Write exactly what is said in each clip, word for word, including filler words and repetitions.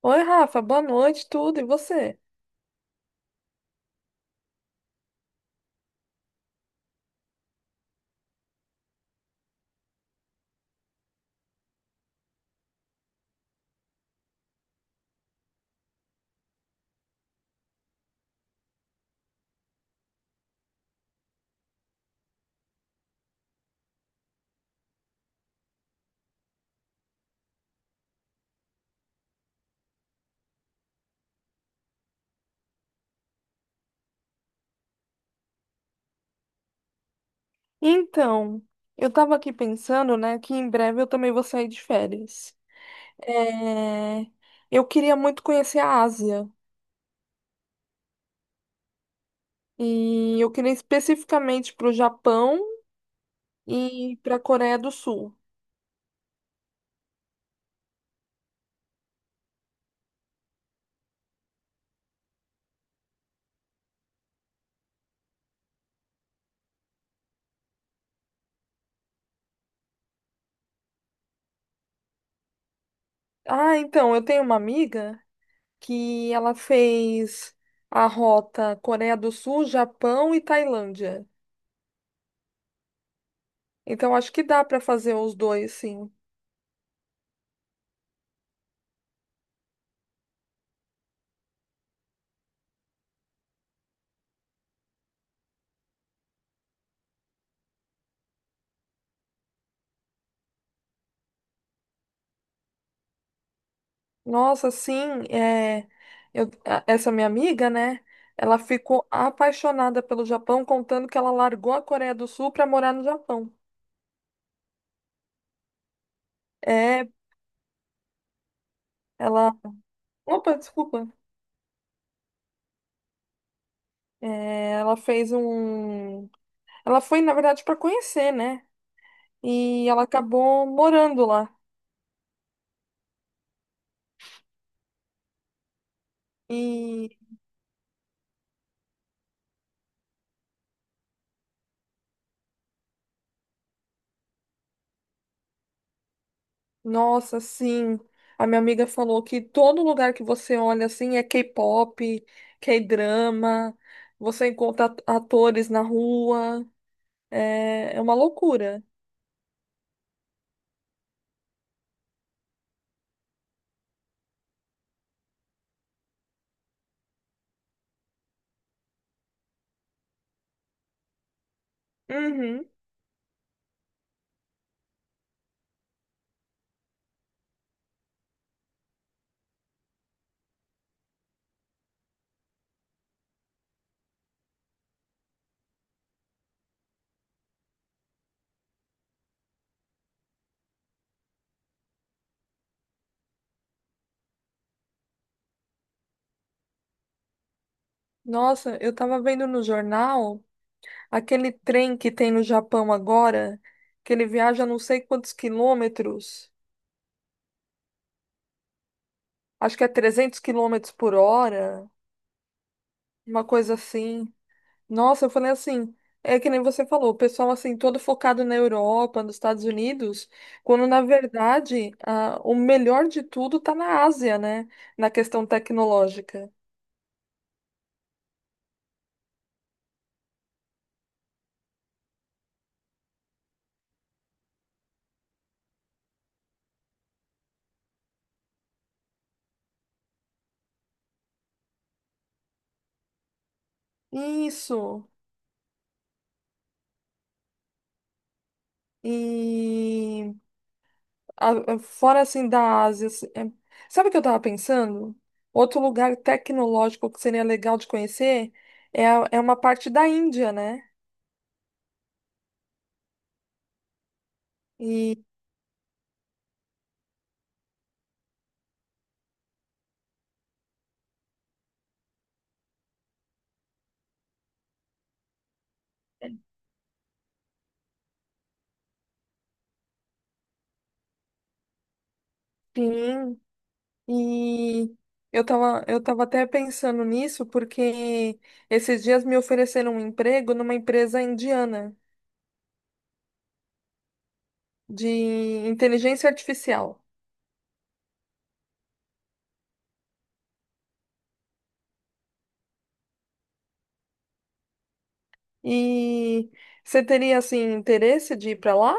Oi, Rafa, boa noite, tudo, e você? Então, eu tava aqui pensando, né, que em breve eu também vou sair de férias. É, Eu queria muito conhecer a Ásia, e eu queria especificamente para o Japão e para a Coreia do Sul. Ah, então, eu tenho uma amiga que ela fez a rota Coreia do Sul, Japão e Tailândia. Então, acho que dá para fazer os dois, sim. Nossa, sim, é, eu- a- essa minha amiga, né? Ela ficou apaixonada pelo Japão, contando que ela largou a Coreia do Sul para morar no Japão. É, ela. Opa, desculpa. É, ela fez um. Ela foi, na verdade, para conhecer, né? E ela acabou morando lá. E, nossa, sim. A minha amiga falou que todo lugar que você olha assim é K-pop, K-drama, você encontra at- atores na rua. É, é uma loucura. Uhum. Nossa, eu tava vendo no jornal aquele trem que tem no Japão agora, que ele viaja não sei quantos quilômetros, acho que é trezentos quilômetros por hora, uma coisa assim. Nossa, eu falei assim, é que nem você falou, o pessoal assim, todo focado na Europa, nos Estados Unidos, quando na verdade a- o melhor de tudo tá na Ásia, né? Na questão tecnológica. Isso. E. A- a- Fora assim da Ásia, assim, é- Sabe o que eu tava pensando? Outro lugar tecnológico que seria legal de conhecer é, a- é uma parte da Índia, né? E sim, e eu tava, eu tava até pensando nisso porque esses dias me ofereceram um emprego numa empresa indiana de inteligência artificial. E você teria assim interesse de ir para lá?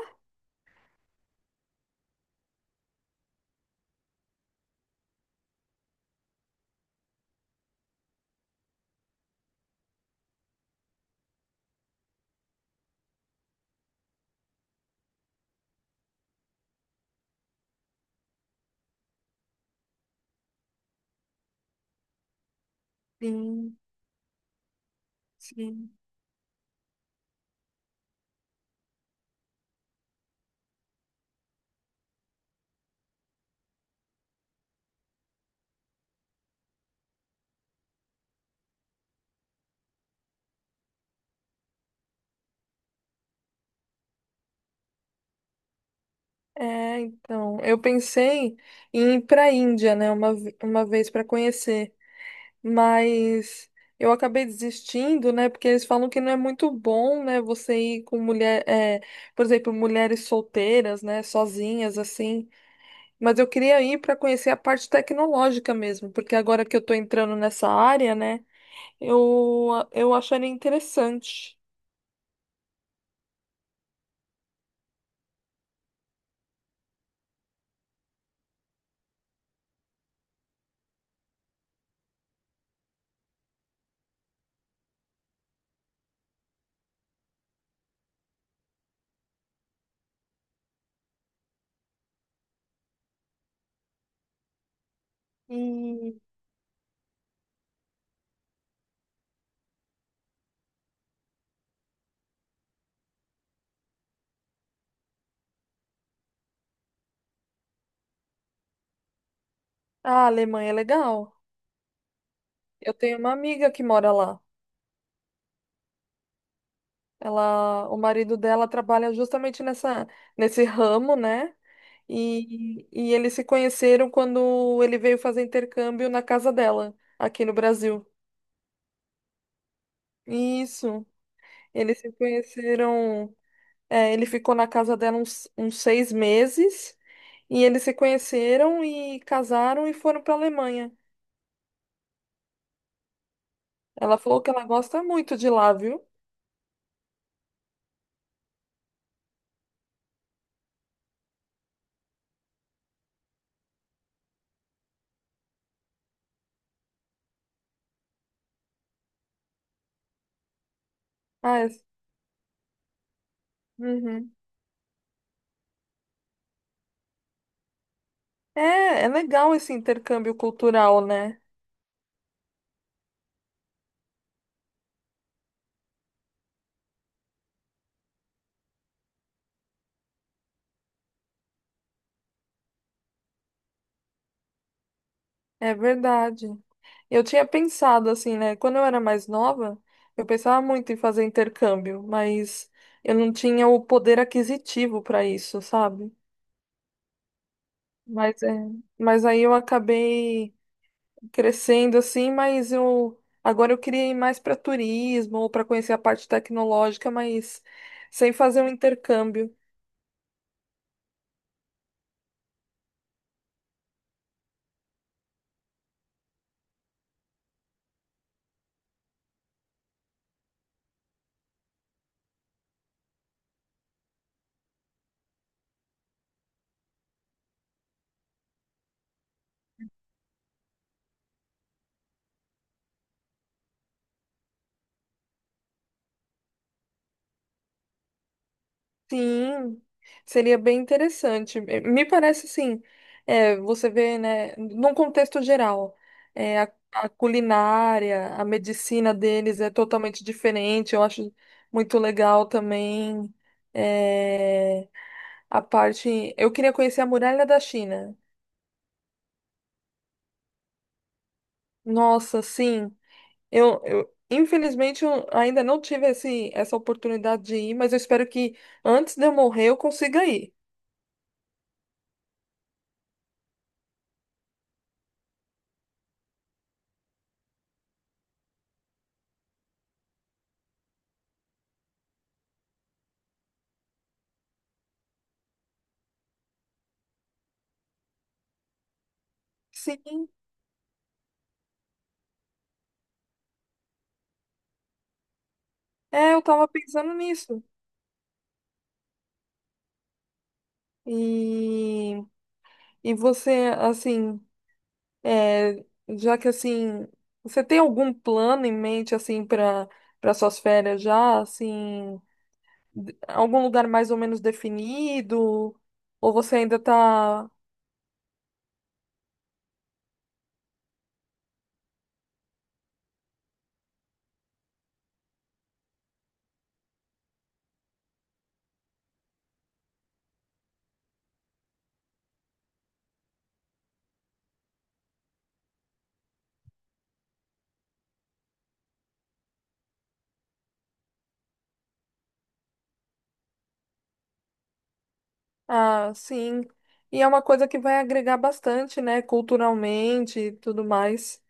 Sim, sim. É, então, eu pensei em ir para a Índia, né, uma, ve- uma vez para conhecer, mas eu acabei desistindo, né, porque eles falam que não é muito bom, né, você ir com mulher, é, por exemplo, mulheres solteiras, né, sozinhas, assim. Mas eu queria ir para conhecer a parte tecnológica mesmo, porque agora que eu tô entrando nessa área, né, eu, eu acharia interessante. E ah, a Alemanha é legal. Eu tenho uma amiga que mora lá. Ela, o marido dela trabalha justamente nessa, nesse ramo, né? E, e eles se conheceram quando ele veio fazer intercâmbio na casa dela, aqui no Brasil. Isso. Eles se conheceram. É, ele ficou na casa dela uns, uns seis meses. E eles se conheceram e casaram e foram para Alemanha. Ela falou que ela gosta muito de lá, viu? Ah, é, uhum. É, é legal esse intercâmbio cultural, né? É verdade. Eu tinha pensado assim, né? Quando eu era mais nova, eu pensava muito em fazer intercâmbio, mas eu não tinha o poder aquisitivo para isso, sabe? Mas é, mas aí eu acabei crescendo assim, mas eu agora eu queria ir mais para turismo ou para conhecer a parte tecnológica, mas sem fazer um intercâmbio. Sim, seria bem interessante. Eh, Me parece assim, eh, você vê, né, num contexto geral, eh, a, a culinária, a medicina deles é totalmente diferente. Eu acho muito legal também, eh, a parte. Eu queria conhecer a muralha da China. Nossa, sim. Eu, eu infelizmente eu ainda não tive esse, essa oportunidade de ir, mas eu espero que antes de eu morrer eu consiga ir. Sim. É, eu tava pensando nisso. E, e você, assim, é, já que assim, você tem algum plano em mente, assim, para para suas férias já, assim, d- algum lugar mais ou menos definido? Ou você ainda tá, ah, sim. E é uma coisa que vai agregar bastante, né, culturalmente e tudo mais.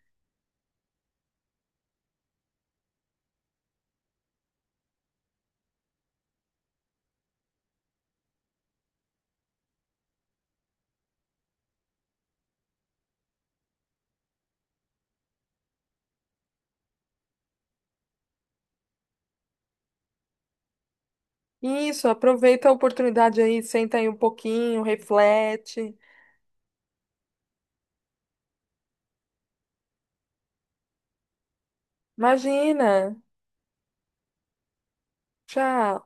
Isso, aproveita a oportunidade aí, senta aí um pouquinho, reflete. Imagina. Tchau.